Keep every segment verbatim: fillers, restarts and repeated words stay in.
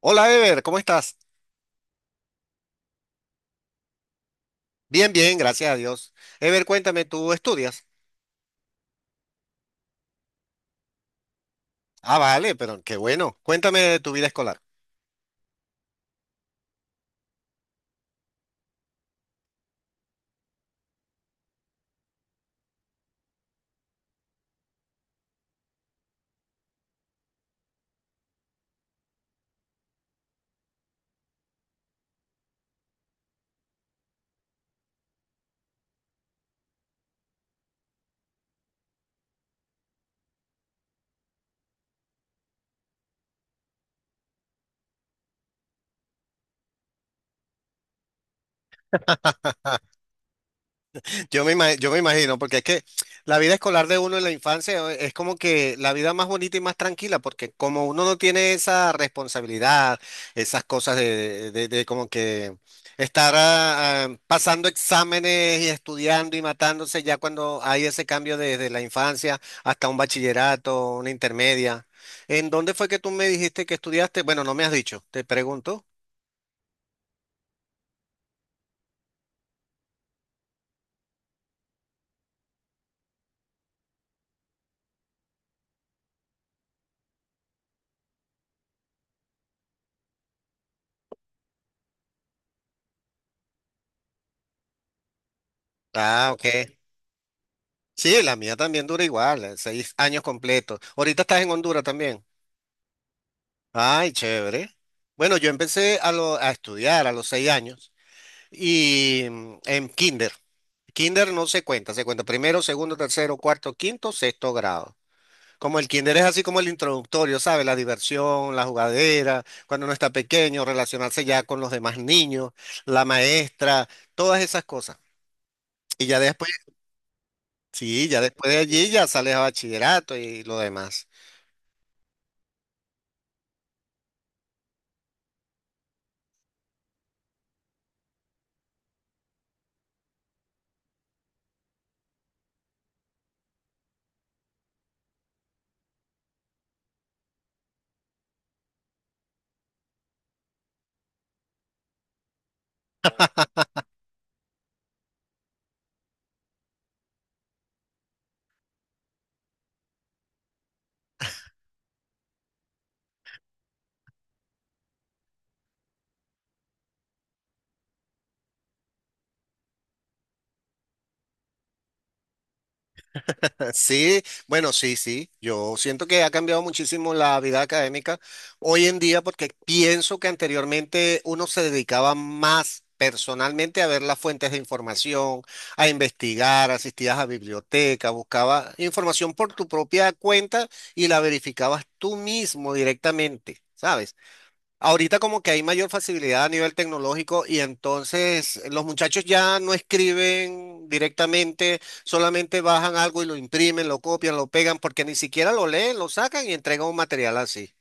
Hola, Ever, ¿cómo estás? Bien, bien, gracias a Dios. Ever, cuéntame, ¿tú estudias? Ah, vale, pero qué bueno. Cuéntame de tu vida escolar. Yo me imagino, yo me imagino, porque es que la vida escolar de uno en la infancia eh, es como que la vida más bonita y más tranquila, porque como uno no tiene esa responsabilidad, esas cosas de, de- de como que estar ah, ah, pasando exámenes y estudiando y matándose ya cuando hay ese cambio desde la infancia hasta un bachillerato, una intermedia. ¿En dónde fue que tú me dijiste que estudiaste? Bueno, no me has dicho, te pregunto. Ah, ok. Sí, la mía también dura igual, eh, seis años completos. Ahorita estás en Honduras también. Ay, chévere. Bueno, yo empecé a, lo- a estudiar a los seis años y mm, en kinder. Kinder no se cuenta, se cuenta primero, segundo, tercero, cuarto, quinto, sexto grado. Como el kinder es así como el introductorio, ¿sabes? La diversión, la jugadera, cuando uno está pequeño, relacionarse ya con los demás niños, la maestra, todas esas cosas. Y ya después, sí, ya después de allí ya sales a bachillerato y lo demás. Sí, bueno, sí, sí. Yo siento que ha cambiado muchísimo la vida académica hoy en día porque pienso que anteriormente uno se dedicaba más personalmente a ver las fuentes de información, a investigar, asistías a biblioteca, buscaba información por tu propia cuenta y la verificabas tú mismo directamente, ¿sabes? Ahorita como que hay mayor facilidad a nivel tecnológico y entonces los muchachos ya no escriben directamente, solamente bajan algo y lo imprimen, lo copian, lo pegan, porque ni siquiera lo leen, lo sacan y entregan un material así.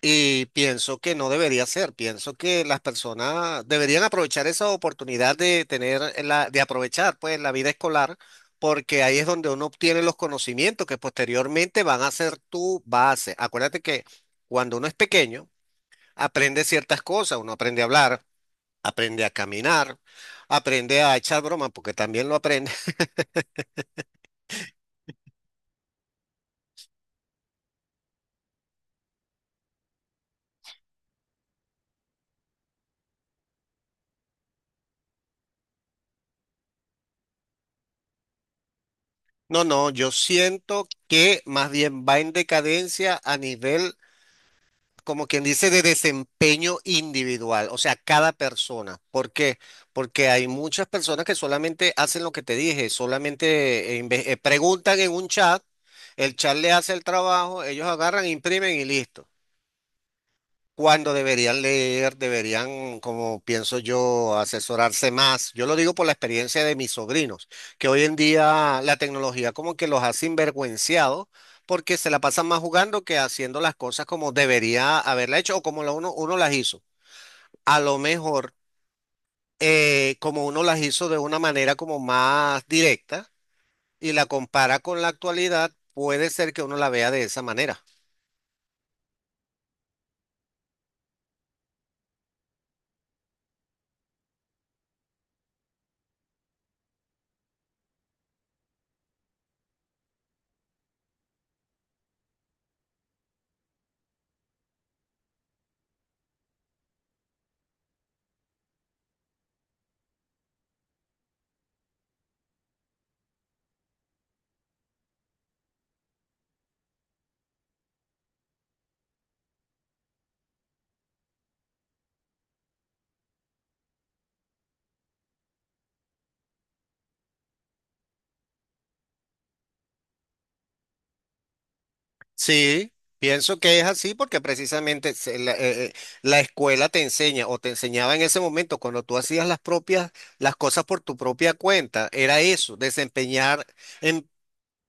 Y pienso que no debería ser, pienso que las personas deberían aprovechar esa oportunidad de tener la, de aprovechar pues la vida escolar, porque ahí es donde uno obtiene los conocimientos que posteriormente van a ser tu base. Acuérdate que cuando uno es pequeño, aprende ciertas cosas, uno aprende a hablar, aprende a caminar, aprende a echar broma, porque también lo aprende. No, no, yo siento que más bien va en decadencia a nivel, como quien dice, de desempeño individual, o sea, cada persona. ¿Por qué? Porque hay muchas personas que solamente hacen lo que te dije, solamente eh, inve- eh, preguntan en un chat, el chat le hace el trabajo, ellos agarran, imprimen y listo. Cuando deberían leer, deberían, como pienso yo, asesorarse más. Yo lo digo por la experiencia de mis sobrinos, que hoy en día la tecnología como que los ha sinvergüenciado porque se la pasan más jugando que haciendo las cosas como debería haberla hecho o como lo uno, uno las hizo. A lo mejor, eh, como uno las hizo de una manera como más directa y la compara con la actualidad, puede ser que uno la vea de esa manera. Sí, pienso que es así porque precisamente se- la, eh, eh, la escuela te enseña o te enseñaba en ese momento cuando tú hacías las propias, las cosas por tu propia cuenta, era eso, desempeñar, em-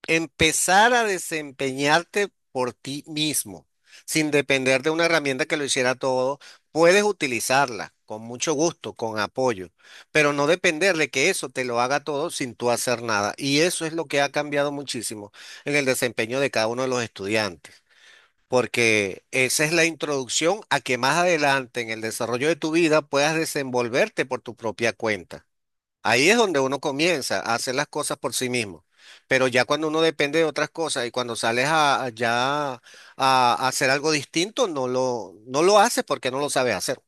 empezar a desempeñarte por ti mismo, sin depender de una herramienta que lo hiciera todo, puedes utilizarla con mucho gusto, con apoyo, pero no depender de que eso te lo haga todo sin tú hacer nada. Y eso es lo que ha cambiado muchísimo en el desempeño de cada uno de los estudiantes porque esa es la introducción a que más adelante en el desarrollo de tu vida puedas desenvolverte por tu propia cuenta. Ahí es donde uno comienza a hacer las cosas por sí mismo. Pero ya cuando uno depende de otras cosas y cuando sales a, a ya a, a hacer algo distinto, no lo, no lo haces porque no lo sabes hacer.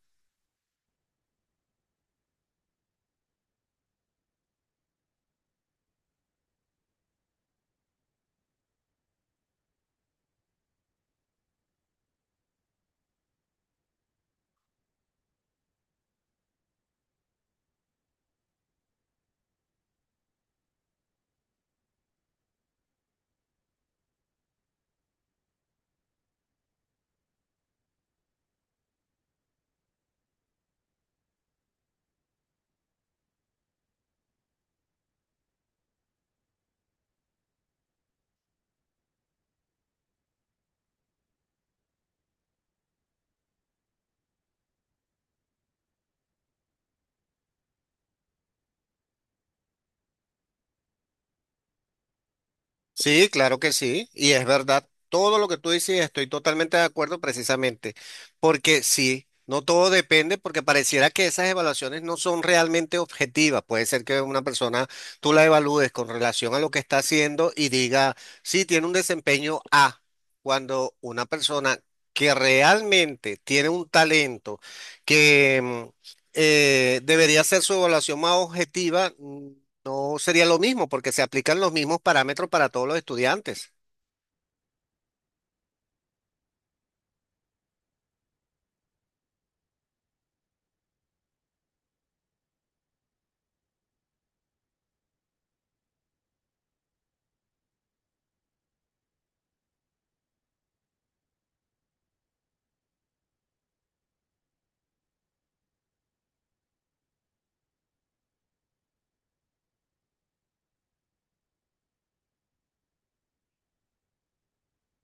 Sí, claro que sí, y es verdad, todo lo que tú dices, estoy totalmente de acuerdo precisamente, porque sí, no todo depende, porque pareciera que esas evaluaciones no son realmente objetivas, puede ser que una persona tú la evalúes con relación a lo que está haciendo y diga, sí, tiene un desempeño A, cuando una persona que realmente tiene un talento que mm, eh, debería ser su evaluación más objetiva. Mm, no sería lo mismo porque se aplican los mismos parámetros para todos los estudiantes.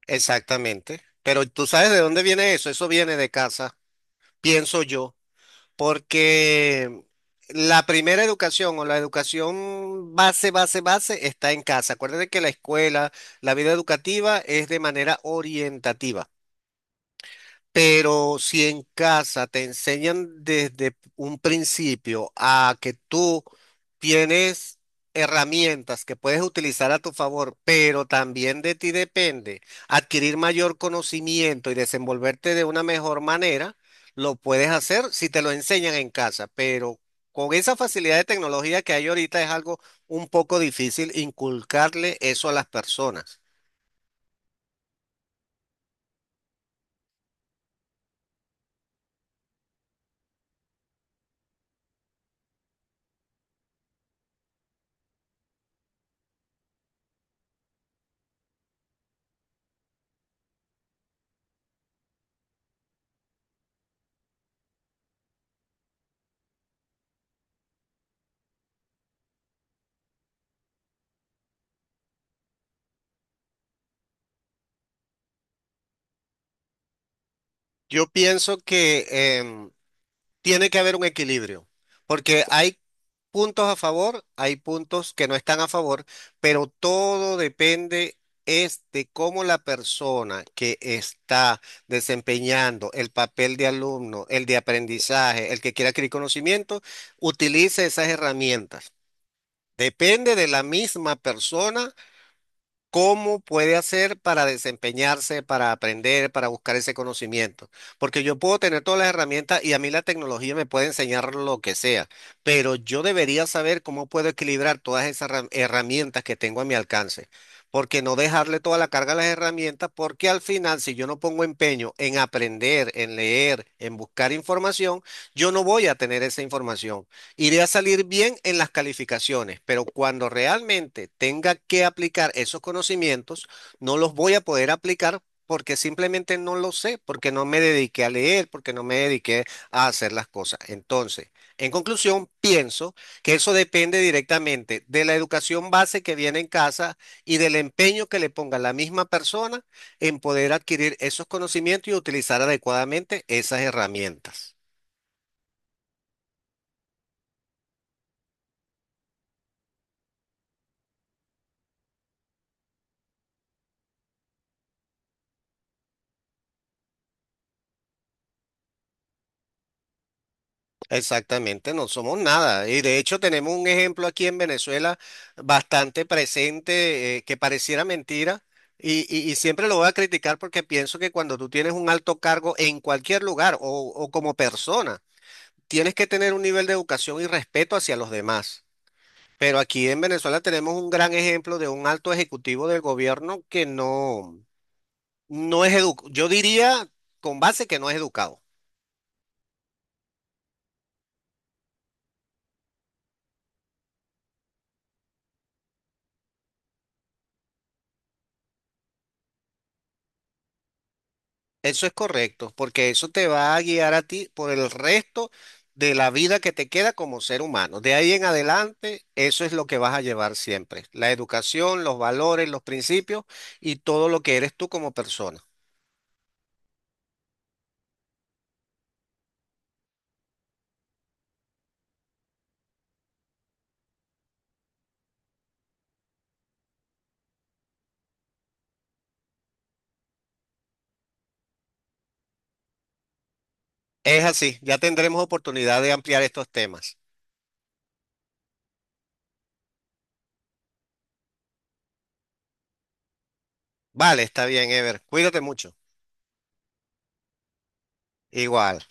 Exactamente. Pero tú sabes de dónde viene eso. Eso viene de casa, pienso yo, porque la primera educación o la educación base, base, base está en casa. Acuérdate que la escuela, la vida educativa es de manera orientativa. Pero si en casa te enseñan desde un principio a que tú tienes herramientas que puedes utilizar a tu favor, pero también de ti depende adquirir mayor conocimiento y desenvolverte de una mejor manera, lo puedes hacer si te lo enseñan en casa, pero con esa facilidad de tecnología que hay ahorita es algo un poco difícil inculcarle eso a las personas. Yo pienso que... em, tiene que haber un equilibrio, porque hay puntos a favor, hay puntos que no están a favor, pero todo depende es de cómo la persona que está desempeñando el papel de alumno, el de aprendizaje, el que quiera adquirir conocimiento, utilice esas herramientas. Depende de la misma persona. ¿Cómo puede hacer para desempeñarse, para aprender, para buscar ese conocimiento? Porque yo puedo tener todas las herramientas y a mí la tecnología me puede enseñar lo que sea, pero yo debería saber cómo puedo equilibrar todas esas herra- herramientas que tengo a mi alcance. Porque no dejarle toda la carga a las herramientas, porque al final, si yo no pongo empeño en aprender, en leer, en buscar información, yo no voy a tener esa información. Iré a salir bien en las calificaciones, pero cuando realmente tenga que aplicar esos conocimientos, no los voy a poder aplicar porque simplemente no lo sé, porque no me dediqué a leer, porque no me dediqué a hacer las cosas. Entonces, en conclusión, pienso que eso depende directamente de la educación base que viene en casa y del empeño que le ponga la misma persona en poder adquirir esos conocimientos y utilizar adecuadamente esas herramientas. Exactamente, no somos nada. Y de hecho tenemos un ejemplo aquí en Venezuela bastante presente, eh, que pareciera mentira. Y, y- y siempre lo voy a criticar porque pienso que cuando tú tienes un alto cargo en cualquier lugar o o como persona, tienes que tener un nivel de educación y respeto hacia los demás. Pero aquí en Venezuela tenemos un gran ejemplo de un alto ejecutivo del gobierno que no, no es educado. Yo diría con base que no es educado. Eso es correcto, porque eso te va a guiar a ti por el resto de la vida que te queda como ser humano. De ahí en adelante, eso es lo que vas a llevar siempre. La educación, los valores, los principios y todo lo que eres tú como persona. Es así, ya tendremos oportunidad de ampliar estos temas. Vale, está bien, Ever. Cuídate mucho. Igual.